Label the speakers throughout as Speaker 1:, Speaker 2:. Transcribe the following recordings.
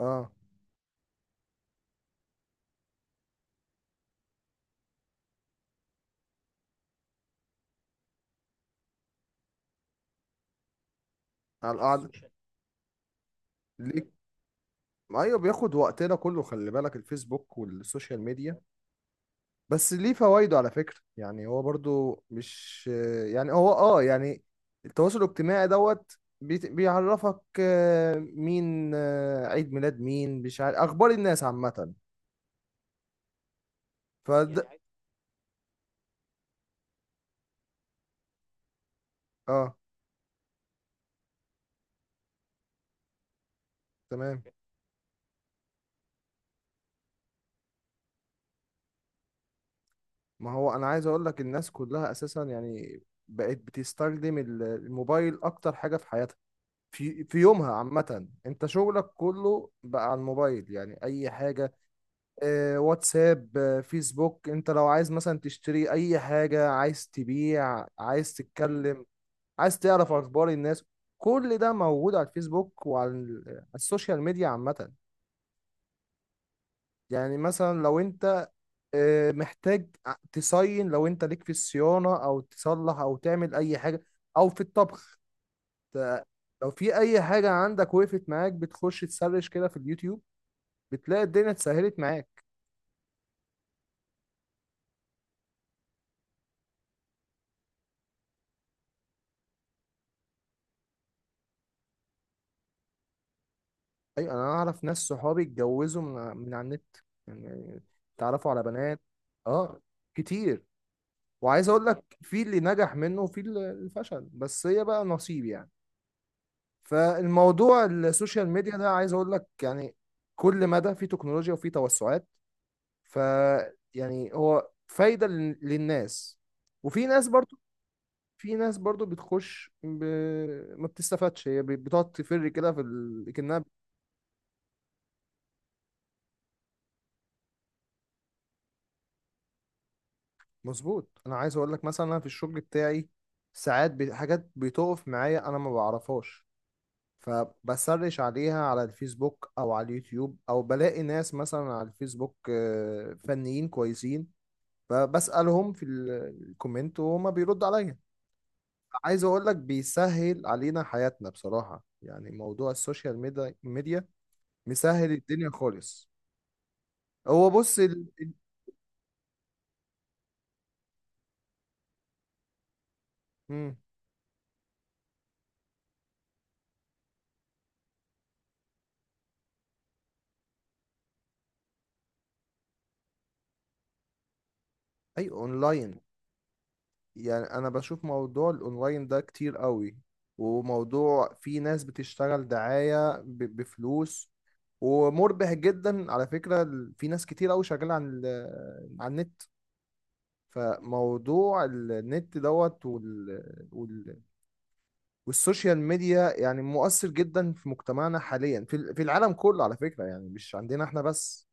Speaker 1: اه. على القعدة السوشيال ميديا ليك. ايوه، بياخد وقتنا كله. خلي بالك الفيسبوك والسوشيال ميديا بس ليه فوائده، على فكرة. يعني هو برضو مش يعني هو يعني التواصل الاجتماعي دوت بيعرفك مين، عيد ميلاد مين، مش عارف اخبار الناس عامة. يعني عايز. اه تمام. ما هو انا عايز اقول لك الناس كلها اساسا يعني بقت بتستخدم الموبايل اكتر حاجة في حياتها، في يومها عامة. انت شغلك كله بقى على الموبايل، يعني اي حاجة، واتساب، فيسبوك. انت لو عايز مثلا تشتري اي حاجة، عايز تبيع، عايز تتكلم، عايز تعرف اخبار الناس، كل ده موجود على الفيسبوك وعلى على السوشيال ميديا عامة. يعني مثلا لو انت محتاج تصين، لو انت ليك في الصيانة او تصلح او تعمل اي حاجة او في الطبخ، ت- لو في اي حاجة عندك وقفت معاك، بتخش تسرش كده في اليوتيوب بتلاقي الدنيا اتسهلت معاك. ايوه، انا اعرف ناس صحابي اتجوزوا من على النت، يعني اتعرفوا على بنات. اه، كتير. وعايز اقول لك في اللي نجح منه وفي اللي فشل، بس هي بقى نصيب يعني. فالموضوع السوشيال ميديا ده، عايز اقول لك يعني كل مدى في تكنولوجيا وفي توسعات. ف يعني هو فايدة للناس. وفي ناس برضو، في ناس برضو بتخش ما بتستفادش، هي بتقعد تفر كده في كأنها. مظبوط، انا عايز اقول لك مثلا انا في الشغل بتاعي ساعات حاجات بتقف معايا انا ما بعرفهاش، فبسرش عليها على الفيسبوك او على اليوتيوب، او بلاقي ناس مثلا على الفيسبوك فنيين كويسين، فبسألهم في الكومنت وهما بيردوا عليا. عايز اقول لك بيسهل علينا حياتنا بصراحة، يعني موضوع ميديا مسهل الدنيا خالص. هو بص، مم. اي اونلاين. يعني انا بشوف موضوع الاونلاين ده كتير قوي، وموضوع في ناس بتشتغل دعاية بفلوس، ومربح جدا على فكرة. في ناس كتير قوي شغالة عن عن النت. فموضوع النت دوت وال... والسوشيال ميديا يعني مؤثر جدا في مجتمعنا حاليا، في في العالم كله على فكرة، يعني مش عندنا احنا بس.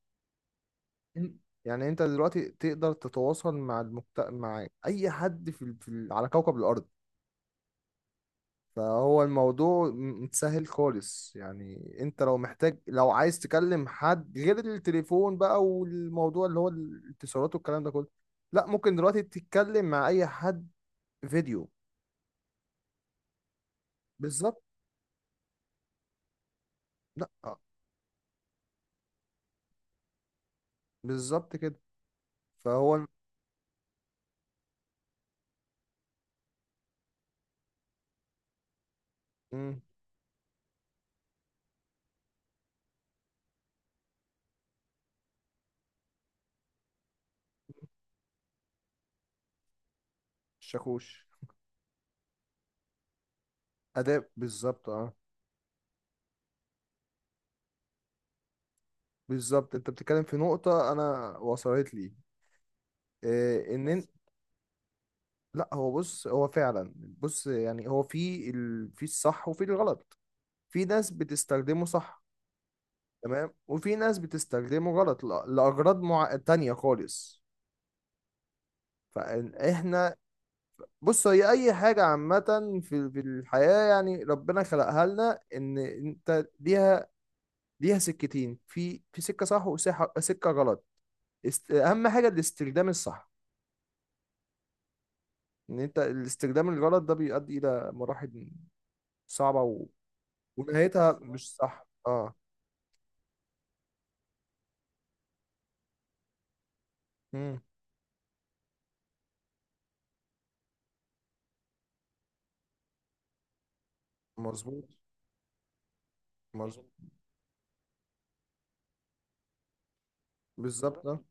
Speaker 1: إن- يعني انت دلوقتي تقدر تتواصل مع مع اي حد في على كوكب الارض. فهو الموضوع متسهل خالص، يعني انت لو محتاج، لو عايز تكلم حد، غير التليفون بقى والموضوع اللي هو الاتصالات والكلام ده كله، لا، ممكن دلوقتي تتكلم مع اي حد فيديو. بالظبط. لا بالظبط كده. فهو مم، شاكوش. اداء بالظبط، اه. بالظبط، انت بتتكلم في نقطة انا وصلت لي إيه، لا هو بص، هو فعلا، بص يعني هو في في الصح وفي الغلط. في ناس بتستخدمه صح تمام، وفي ناس بتستخدمه غلط لأغراض تانية خالص. فإحنا، بص، هي أي حاجة عامة في الحياة، يعني ربنا خلقها لنا إن أنت ليها، ليها سكتين، في سكة صح وسكة غلط. أهم حاجة الاستخدام الصح. إن أنت الاستخدام الغلط ده بيؤدي إلى مراحل صعبة ونهايتها مش صح. أه. مم. مظبوط، مظبوط. بالظبط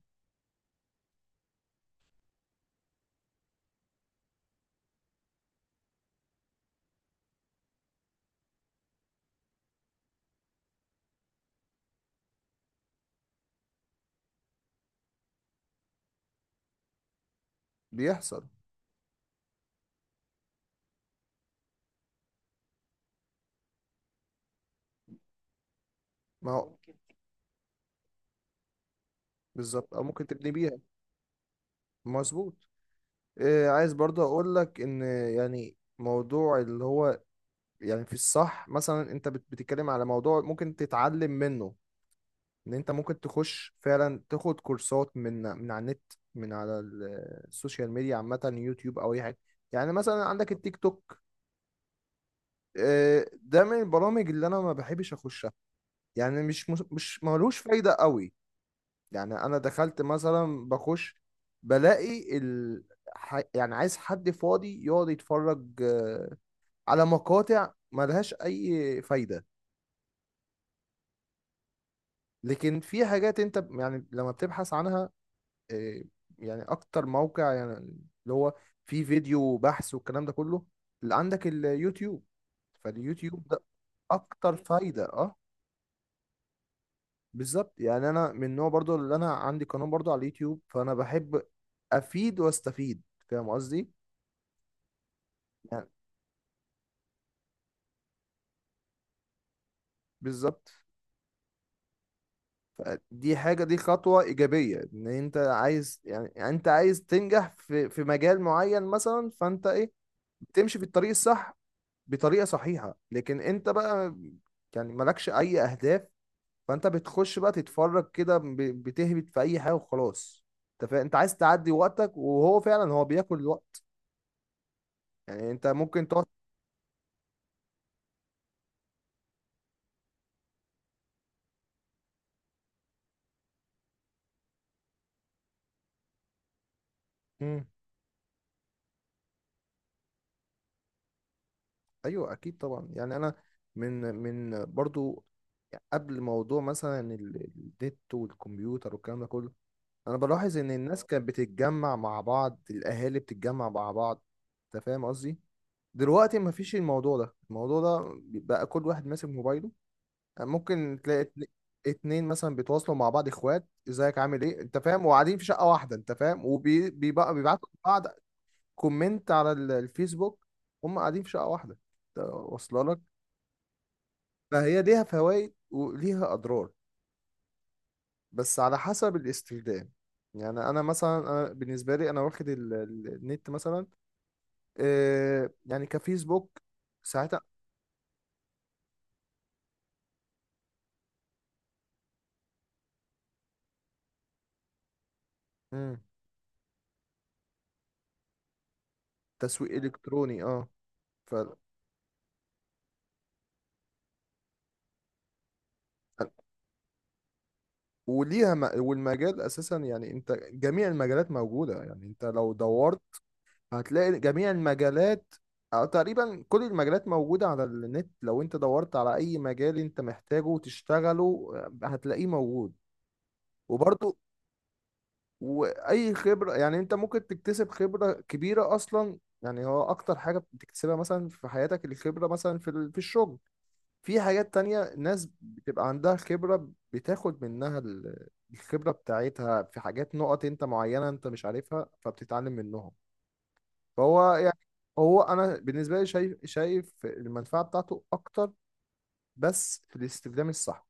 Speaker 1: بيحصل. ما هو بالظبط، أو ممكن تبني بيها. مظبوط. عايز برضه اقول لك ان يعني موضوع اللي هو، يعني في الصح مثلا انت بتتكلم على موضوع ممكن تتعلم منه. ان انت ممكن تخش فعلا تاخد كورسات من على النت، من على السوشيال ميديا عامة، يوتيوب او اي حاجة. يعني مثلا عندك التيك توك. ده من البرامج اللي انا ما بحبش اخشها، يعني مش مش ملوش فايدة قوي. يعني انا دخلت مثلا بخش، بلاقي يعني عايز حد فاضي يقعد يتفرج على مقاطع ملهاش اي فايدة. لكن في حاجات انت يعني لما بتبحث عنها، آه، يعني اكتر موقع يعني اللي هو فيه فيديو بحث والكلام ده كله اللي عندك اليوتيوب. فاليوتيوب ده اكتر فايدة، اه. بالظبط، يعني انا من النوع برضو اللي انا عندي قناة برضو على اليوتيوب، فانا بحب افيد واستفيد، فاهم قصدي؟ يعني بالظبط. دي حاجة، دي خطوة إيجابية، إن أنت عايز يعني، يعني أنت عايز تنجح في مجال معين مثلا، فأنت إيه بتمشي في الطريق الصح بطريقة صحيحة. لكن أنت بقى يعني مالكش أي أهداف، فأنت بتخش بقى تتفرج كده بتهبط في أي حاجة وخلاص. أنت أنت عاز تعدي وقتك، وهو فعلا هو بياكل الوقت، يعني أنت ممكن تقعد. مم. أيوه، أكيد طبعا. يعني أنا، من برضو قبل موضوع مثلا النت والكمبيوتر والكلام ده كله، انا بلاحظ ان الناس كانت بتتجمع مع بعض، الاهالي بتتجمع مع بعض، انت فاهم قصدي؟ دلوقتي مفيش الموضوع ده، الموضوع ده بقى كل واحد ماسك موبايله. ممكن تلاقي اتنين مثلا بيتواصلوا مع بعض، اخوات، ازيك عامل ايه، انت فاهم، وقاعدين في شقة واحدة، انت فاهم، وبيبقى بيبعتوا لبعض كومنت على الفيسبوك، هم قاعدين في شقة واحدة، انت واصله لك؟ فهي ليها فوائد وليها اضرار، بس على حسب الاستخدام. يعني انا مثلا، انا بالنسبه لي انا واخد النت مثلا آه، يعني كفيسبوك ساعتها. مم. تسويق الكتروني، اه. ف وليها والمجال اساسا، يعني انت جميع المجالات موجوده، يعني انت لو دورت هتلاقي جميع المجالات، او تقريبا كل المجالات موجوده على النت. لو انت دورت على اي مجال انت محتاجه وتشتغله، هتلاقيه موجود. وبرضه واي خبره، يعني انت ممكن تكتسب خبره كبيره اصلا، يعني هو اكتر حاجه بتكتسبها مثلا في حياتك الخبره، مثلا في في الشغل، في حاجات تانية، ناس بتبقى عندها خبره، بتاخد منها الخبره بتاعتها في حاجات نقط انت معينه انت مش عارفها، فبتتعلم منهم. فهو يعني، هو انا بالنسبه لي شايف، المنفعه بتاعته اكتر، بس في الاستخدام الصح.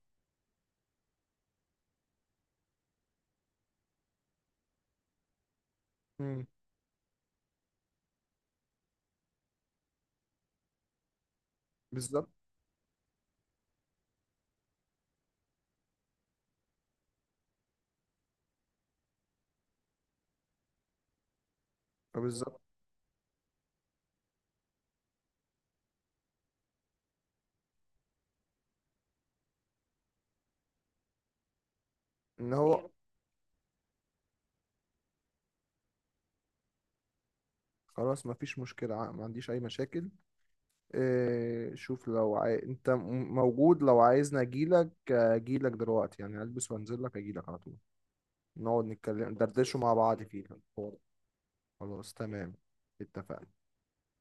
Speaker 1: امم. بالظبط. بالظبط. ان هو، خلاص مفيش مشكله، ما عنديش اي مشاكل. إيه شوف، لو انت موجود، لو عايزني اجيلك اجيلك دلوقتي، يعني البس وانزل لك اجيلك على طول. نقعد نتكلم ندردشوا مع بعض، فيه الحوار. خلاص تمام. اتفقنا.